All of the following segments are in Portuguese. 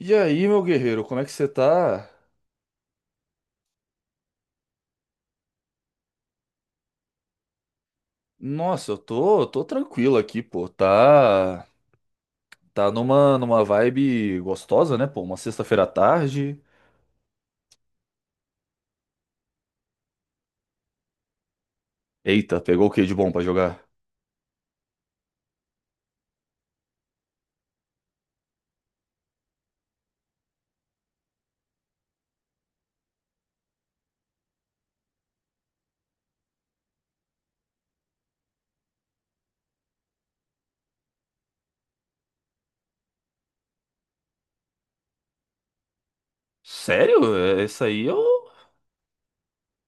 E aí, meu guerreiro, como é que você tá? Nossa, eu tô tranquilo aqui, pô. Tá numa vibe gostosa, né, pô? Uma sexta-feira à tarde. Eita, pegou o que de bom pra jogar? Sério? É, isso aí eu,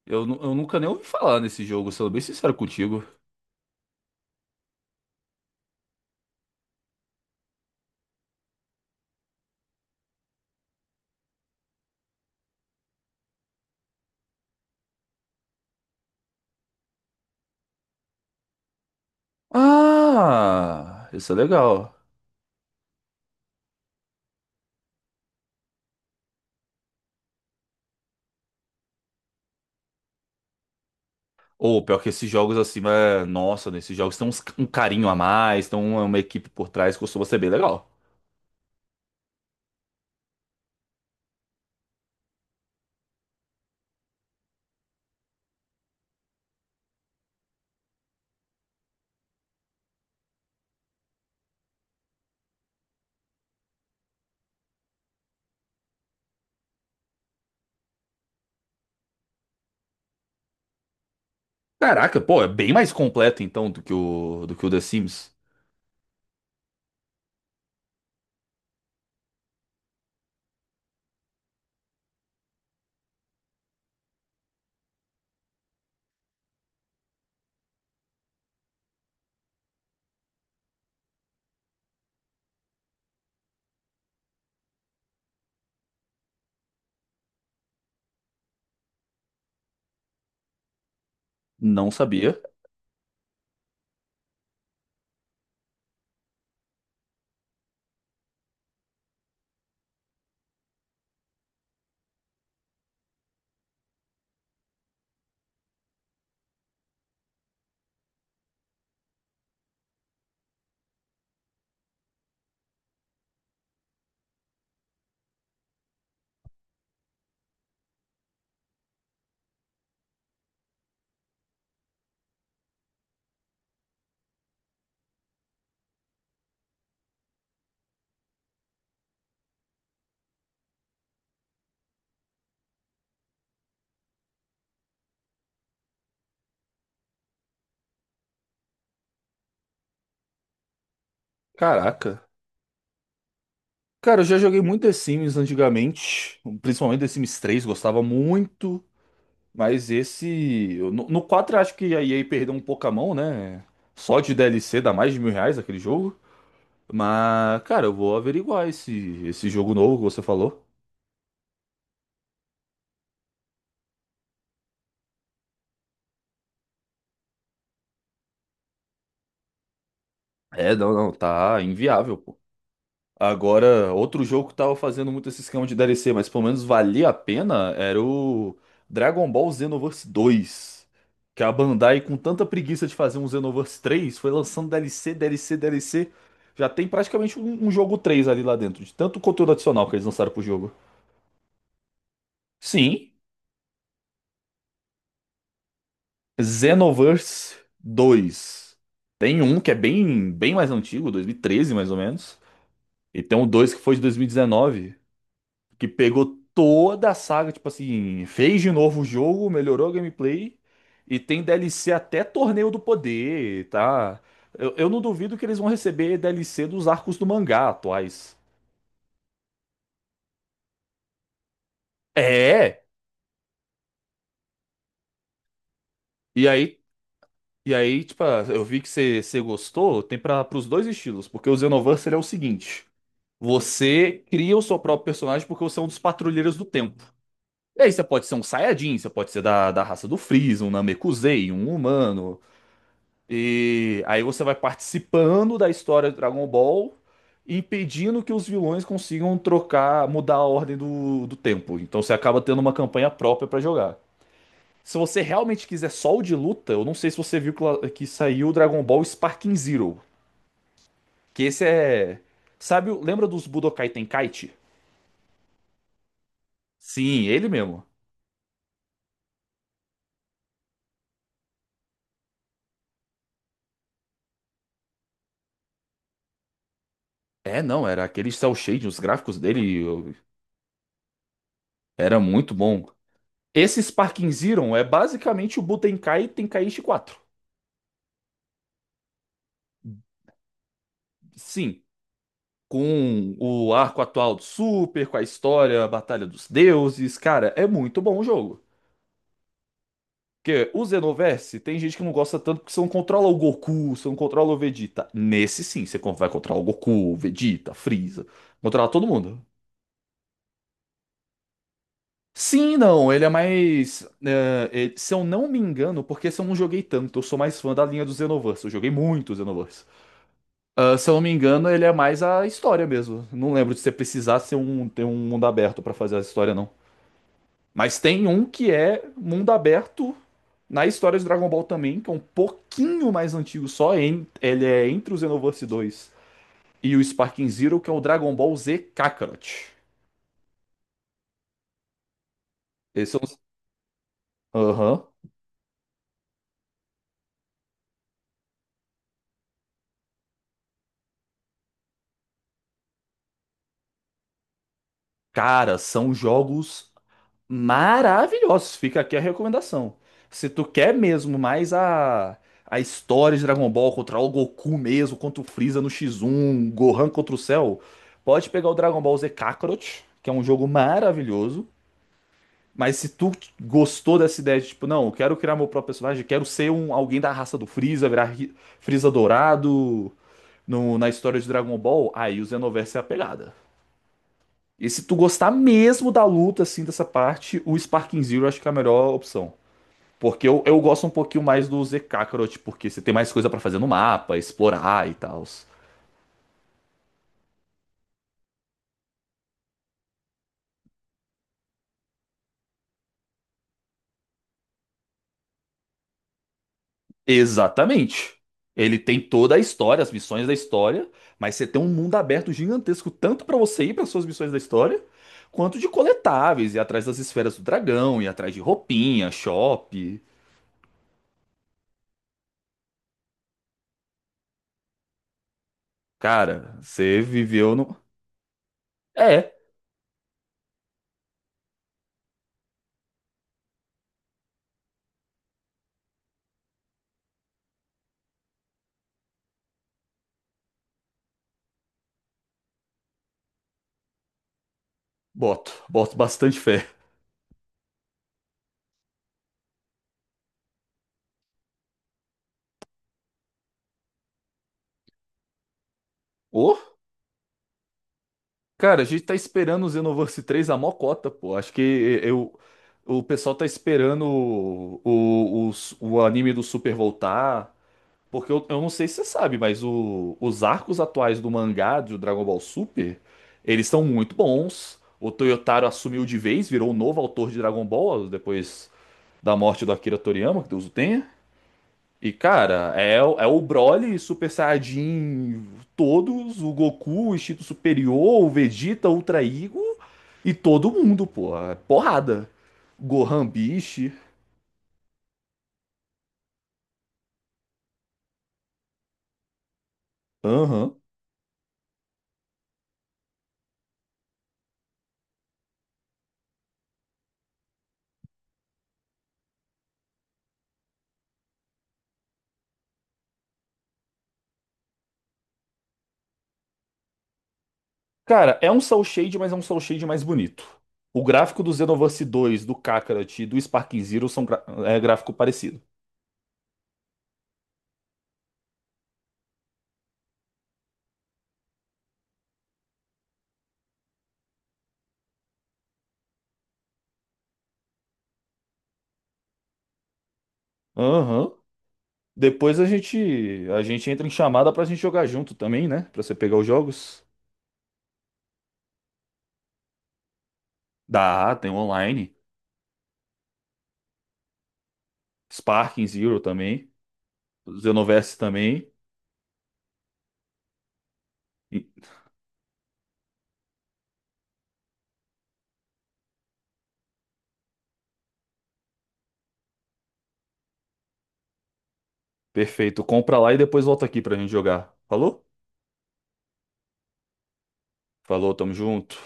eu, nu- eu nunca nem ouvi falar nesse jogo, sendo bem sincero contigo. Ah, isso é legal. Ou pior que esses jogos assim, é, nossa, nesses jogos tem um carinho a mais, tem uma equipe por trás, costuma ser bem legal. Caraca, pô, é bem mais completo então do que o The Sims. Não sabia. Caraca. Cara, eu já joguei muito The Sims antigamente, principalmente The Sims 3, gostava muito, mas esse eu- no, no 4 eu acho que a EA perdeu um pouco a mão, né? Só de DLC dá mais de mil reais aquele jogo. Mas, cara, eu vou averiguar esse jogo novo que você falou. É, não, tá inviável. Agora, outro jogo que tava fazendo muito esse esquema de DLC, mas pelo menos valia a pena, era o Dragon Ball Xenoverse 2. Que a Bandai, com tanta preguiça de fazer um Xenoverse 3, foi lançando DLC, DLC, DLC. Já tem praticamente um jogo 3 ali lá dentro, de tanto conteúdo adicional que eles lançaram pro jogo. Sim, Xenoverse 2. Tem um que é bem mais antigo, 2013 mais ou menos. E tem o 2 que foi de 2019, que pegou toda a saga, tipo assim, fez de novo o jogo, melhorou a gameplay e tem DLC até Torneio do Poder, tá? Eu não duvido que eles vão receber DLC dos arcos do mangá atuais. É, e aí, e aí, tipo, eu vi que você gostou, tem para os dois estilos, porque o Xenoverse ele é o seguinte. Você cria o seu próprio personagem porque você é um dos patrulheiros do tempo. E aí você pode ser um Saiyajin, você pode ser da raça do Freeza, um Namekusei, um humano. E aí você vai participando da história do Dragon Ball, impedindo que os vilões consigam trocar, mudar a ordem do tempo. Então você acaba tendo uma campanha própria pra jogar. Se você realmente quiser só o de luta, eu não sei se você viu que saiu o Dragon Ball Sparking Zero, que esse é, sabe, lembra dos Budokai Tenkaichi? Sim, ele mesmo. É, não, era aquele cel shading, os gráficos dele era muito bom. Esse Sparking Zero é basicamente o Budokai Tenkaichi 4. Sim, com o arco atual do Super, com a história, a Batalha dos Deuses, cara, é muito bom o jogo. Porque o Xenoverse, tem gente que não gosta tanto porque você não controla o Goku, você não controla o Vegeta. Nesse sim, você vai controlar o Goku, o Vegeta, Freeza, controlar todo mundo. Sim, não, ele é mais, é, se eu não me engano, porque se eu não joguei tanto, eu sou mais fã da linha do Xenoverse, eu joguei muito o Xenoverse. Ah, se eu não me engano, ele é mais a história mesmo. Não lembro de você precisar ser um, ter um mundo aberto pra fazer a história, não. Mas tem um que é mundo aberto na história de Dragon Ball também, que é um pouquinho mais antigo só. Ele é entre o Xenoverse 2 e o Sparking Zero, que é o Dragon Ball Z Kakarot. Esses são os… Aham. Cara, são jogos maravilhosos. Fica aqui a recomendação. Se tu quer mesmo mais a história de Dragon Ball contra o Goku mesmo, contra o Freeza no X1, Gohan contra o Cell, pode pegar o Dragon Ball Z Kakarot, que é um jogo maravilhoso. Mas se tu gostou dessa ideia de, tipo, não, eu quero criar meu próprio personagem, quero ser um, alguém da raça do Freeza, virar Freeza dourado na história de Dragon Ball, aí o Xenoverse é a pegada. E se tu gostar mesmo da luta, assim, dessa parte, o Sparking Zero eu acho que é a melhor opção. Porque eu gosto um pouquinho mais do Z Kakarot, porque você tem mais coisa pra fazer no mapa, explorar e tal. Exatamente. Ele tem toda a história, as missões da história, mas você tem um mundo aberto gigantesco, tanto pra você ir para suas missões da história, quanto de coletáveis, ir atrás das esferas do dragão, ir atrás de roupinha, shop. Cara, você viveu no. É, boto bastante fé. Ô, cara, a gente tá esperando o Xenoverse 3 a mocota, pô. O pessoal tá esperando o anime do Super voltar. Porque eu não sei se você sabe, mas os arcos atuais do mangá do Dragon Ball Super, eles são muito bons. O Toyotaro assumiu de vez, virou o novo autor de Dragon Ball depois da morte do Akira Toriyama, que Deus o tenha. E, cara, é, é o Broly, Super Saiyajin, todos, o Goku, o Instinto Superior, o Vegeta, o Ultra Ego e todo mundo, pô. É porrada. Gohan Beast. Aham. Cara, é um Soul Shade, mas é um Soul Shade mais bonito. O gráfico do Xenoverse 2, do Kakarot e do Sparking Zero são é gráfico parecido. Aham. Depois a gente entra em chamada pra gente jogar junto também, né? Pra você pegar os jogos. Dá, tem online. Sparking Zero também. Xenoverse também. E- Perfeito. Compra lá e depois volta aqui pra gente jogar. Falou? Falou, tamo junto.